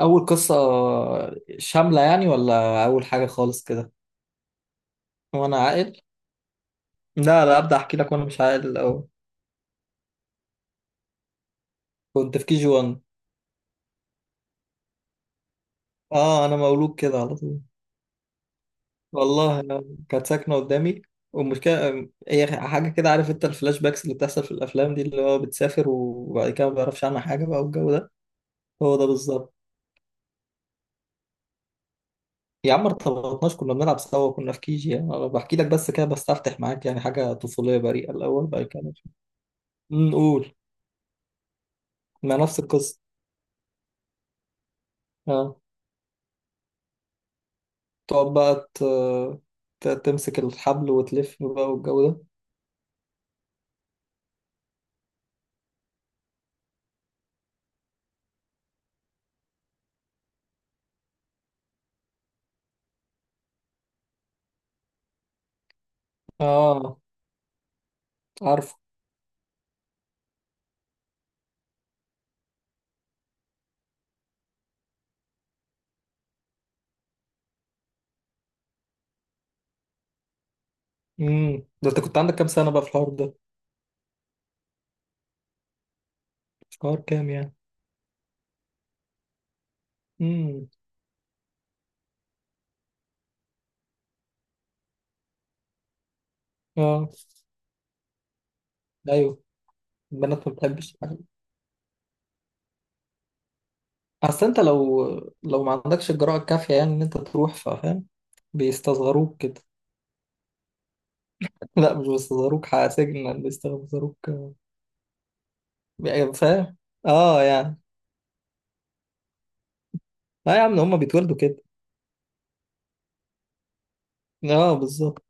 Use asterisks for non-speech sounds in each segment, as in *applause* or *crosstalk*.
أول قصة شاملة يعني ولا أول حاجة خالص كده؟ وأنا عاقل. لا لا أبدأ أحكي لك وأنا مش عاقل الأول. كنت في كي جي 1. آه أنا مولود كده على طول. والله يعني كانت ساكنة قدامي، والمشكلة هي حاجة كده، عارف أنت الفلاش باكس اللي بتحصل في الأفلام دي اللي هو بتسافر وبعد كده ما بيعرفش عنها حاجة بقى والجو ده. هو ده بالظبط. يا عم ما ارتبطناش، كنا بنلعب سوا، كنا في كي جي يعني، أنا بحكي لك بس كده بستفتح معاك، يعني حاجة طفولية بريئة الأول، بعد كده نشوف. نقول. ما نفس القصة. آه. تقعد بقى تمسك الحبل وتلف بقى والجو ده. اه عارفه. امم، ده انت كنت عندك كام سنة بقى في الحوار ده؟ في الحوار كام يعني؟ امم. اه. ايوه، البنات ما بتحبش. اصل انت لو لو ما عندكش الجرأة الكافية يعني ان انت تروح، فاهم، بيستصغروك كده. *laughs* لا مش بيستصغروك، سجن، بيستصغروك، يعني فاهم. اه يعني. اه يا عم هما بيتولدوا كده. اه بالظبط.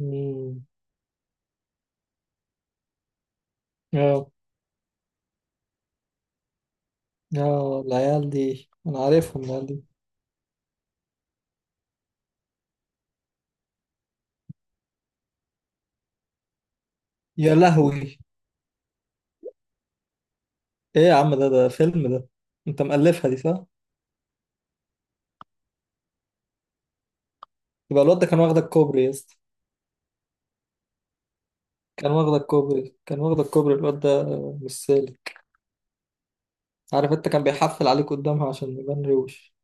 مم. اه. اه العيال دي انا عارفهم العيال دي. يا لهوي، ايه يا عم، ده ده فيلم ده. انت مألفها دي صح؟ يبقى الواد ده كان واخد الكوبري يا اسطى. كان واخد الكوبري، كان واخد الكوبري الواد ده، مش سالك. عارف انت، كان بيحفل عليك قدامها عشان يبان روش.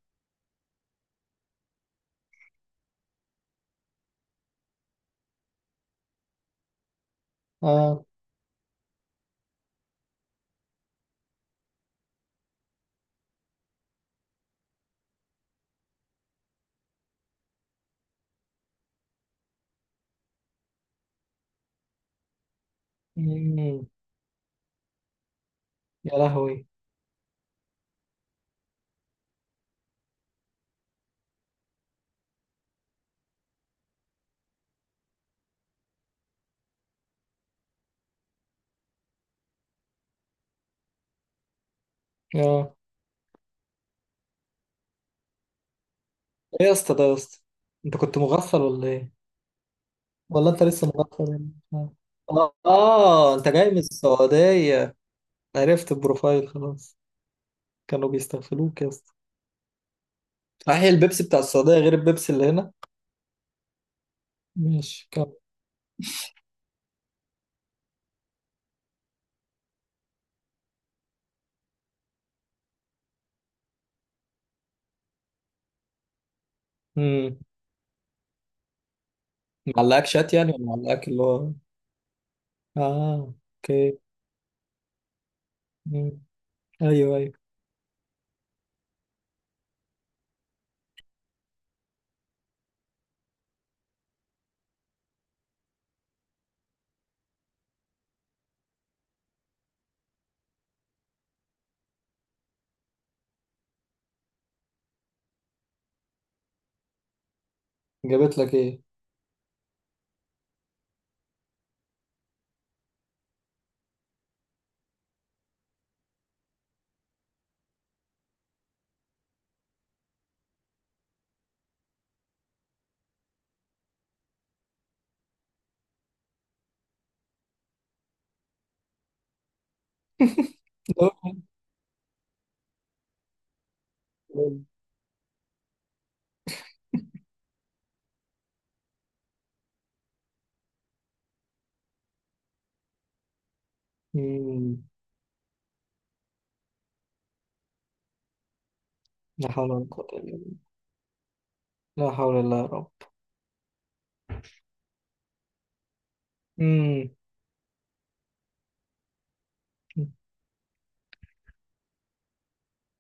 اه. مم. يا لهوي. اه. ايه يا اسطى ده يا اسطى، انت كنت مغفل ولا ايه؟ ولا انت لسه مغفل يعني؟ اه. انت جاي من السعودية، عرفت البروفايل خلاص. كانوا بيستغفلوك يا اسطى. صحيح البيبسي بتاع السعودية غير البيبسي اللي هنا. ماشي كمل. مم. معلقاك شات يعني ولا معلقاك اللي هو؟ اه اوكي. مم. ايوه ايوه. جابت لك ايه؟ *laughs* مم. لا حول ولا قوة الا بالله. لا حول ولا يا رب. مم.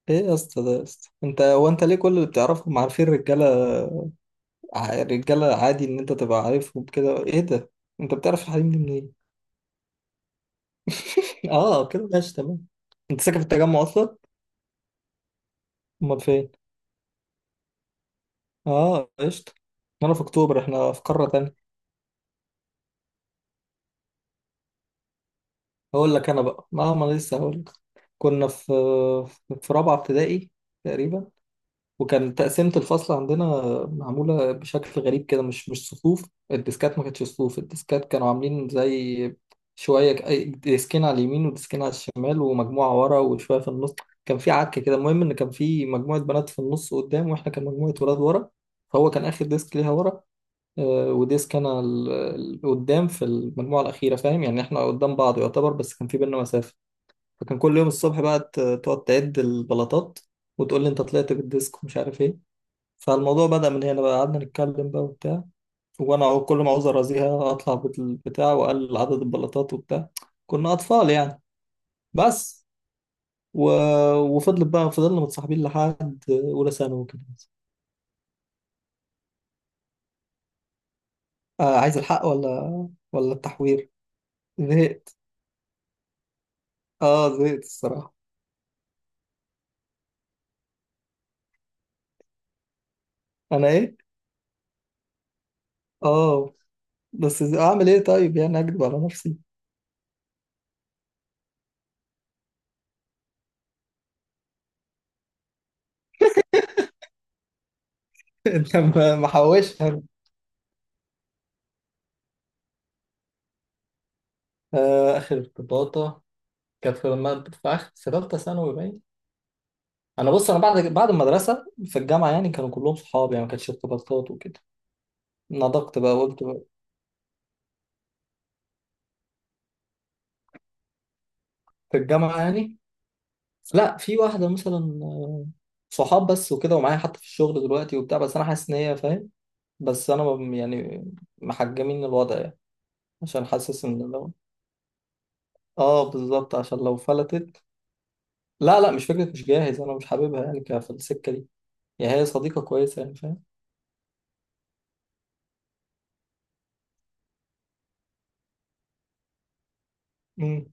ايه يا اسطى ده يا اسطى، انت هو انت ليه كل اللي بتعرفهم عارفين الرجاله؟ الرجاله عادي ان انت تبقى عارفهم كده، ايه ده، انت بتعرف الحريم دي منين؟ *laughs* اه كده ماشي تمام. انت ساكن في التجمع اصلا؟ امال فين؟ اه قشطه. انا في اكتوبر، احنا في قاره تانية. هقول لك انا بقى. ما انا لسه هقول لك. كنا في في رابعه ابتدائي تقريبا، وكان تقسيمه الفصل عندنا معموله بشكل غريب كده، مش صفوف، الديسكات ما كانتش صفوف، الديسكات كانوا عاملين زي شويه ديسكين على اليمين وديسكين على الشمال ومجموعه ورا وشويه في النص. كان في عك كده، المهم ان كان في مجموعه بنات في النص قدام واحنا كان مجموعه ولاد ورا، فهو كان اخر ديسك ليها ورا، وديسك انا قدام في المجموعه الاخيره، فاهم يعني احنا قدام بعض يعتبر، بس كان في بينا مسافه. فكان كل يوم الصبح بقى تقعد تعد البلاطات وتقول لي انت طلعت بالديسك ومش عارف ايه. فالموضوع بدأ من هنا بقى، قعدنا نتكلم بقى وبتاع، وانا كل ما عاوز ارازيها اطلع بالبتاع واقلل عدد البلاطات وبتاع، كنا اطفال يعني بس. و... وفضلت بقى، فضلنا متصاحبين لحد اولى ثانوي وكده. آه عايز الحق ولا التحوير؟ زهقت. اه زهقت الصراحة. انا ايه؟ اه. بس اعمل ايه طيب يعني، اكذب على نفسي؟ *laughs* انت ما محوش. اخر ارتباطه كانت في مادة في اخر في ثالثه ثانوي، باين. انا بص، انا بعد المدرسه في الجامعه يعني كانوا كلهم صحاب، يعني ما كانتش ارتباطات وكده. نضجت بقى وقلت بقى. في الجامعه يعني، لا في واحده مثلا، صحاب بس وكده ومعايا حتى في الشغل دلوقتي وبتاع، بس انا حاسس ان هي فاهم، بس انا محجمين الوضع يعني، عشان حاسس ان لو. اه بالظبط، عشان لو فلتت. لا لا مش فكره مش جاهز، انا مش حاببها يعني في السكه دي، يعني هي صديقه كويسه يعني فاهم. امم.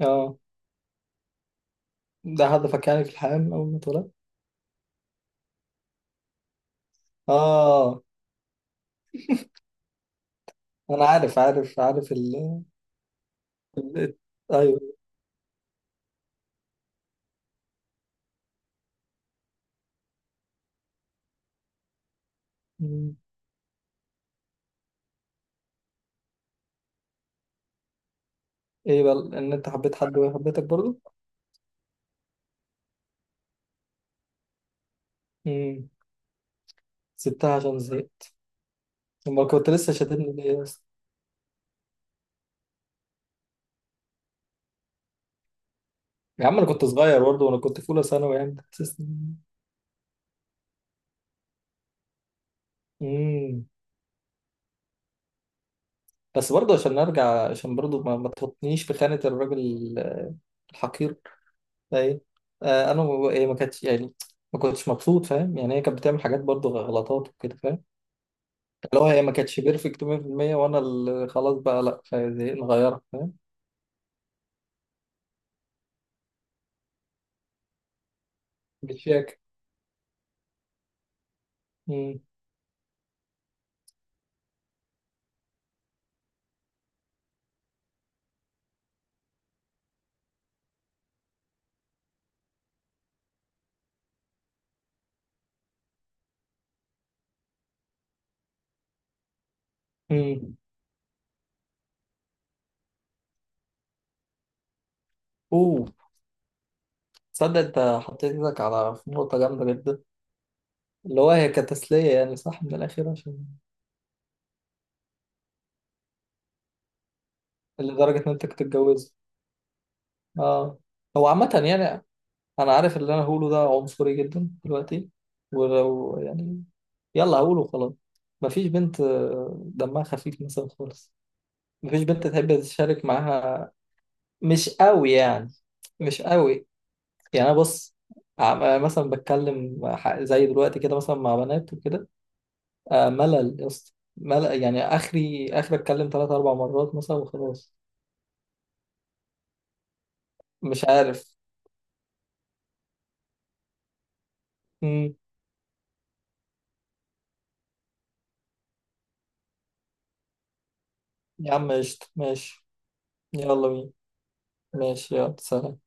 اه. ده هدفك يعني في الحقيقة أول ما اتولدت؟ آه. أنا عارف أيوه. مم. إيه بقى إن أنت حبيت حد وهي حبيتك برضه؟ مم. سبتها عشان زهقت. أمال كنت لسه شاتمني ليه أصلا؟ يا عم أنا كنت صغير برضه، وأنا كنت في أولى ثانوي يعني، تحسسني. مم. بس برضه عشان نرجع، عشان برضه ما تحطنيش في خانة الراجل الحقير ده. إيه. آه أنا إيه، ما كانتش يعني، ما كنتش مبسوط، فاهم يعني، هي كانت بتعمل حاجات برضه غلطات وكده، اللي هو هي ما كانتش بيرفكت 100%، وانا اللي خلاص بقى لا زهقت نغيرها، فاهم. بتشاكل. امم. امم. اوه، تصدق انت حطيت ايدك على نقطة جامدة جدا، اللي هو هي كتسلية يعني صح من الأخير عشان. لدرجة إن أنت كنت تتجوزه. اه. هو عامة يعني، أنا عارف اللي أنا هقوله ده عنصري جدا دلوقتي، ولو يعني، يلا هقوله خلاص. مفيش بنت دمها خفيف مثلا خالص. مفيش بنت تحب تشارك معاها، مش قوي يعني، مش قوي. يعني انا بص، مثلا بتكلم زي دلوقتي كده مثلا مع بنات وكده، ملل يا اسطى، ملل يعني، اخري اخري اتكلم ثلاث اربع مرات مثلا وخلاص. مش عارف. امم. يا عم قشطة ماشي. يلا بينا. ماشي يلا سلام.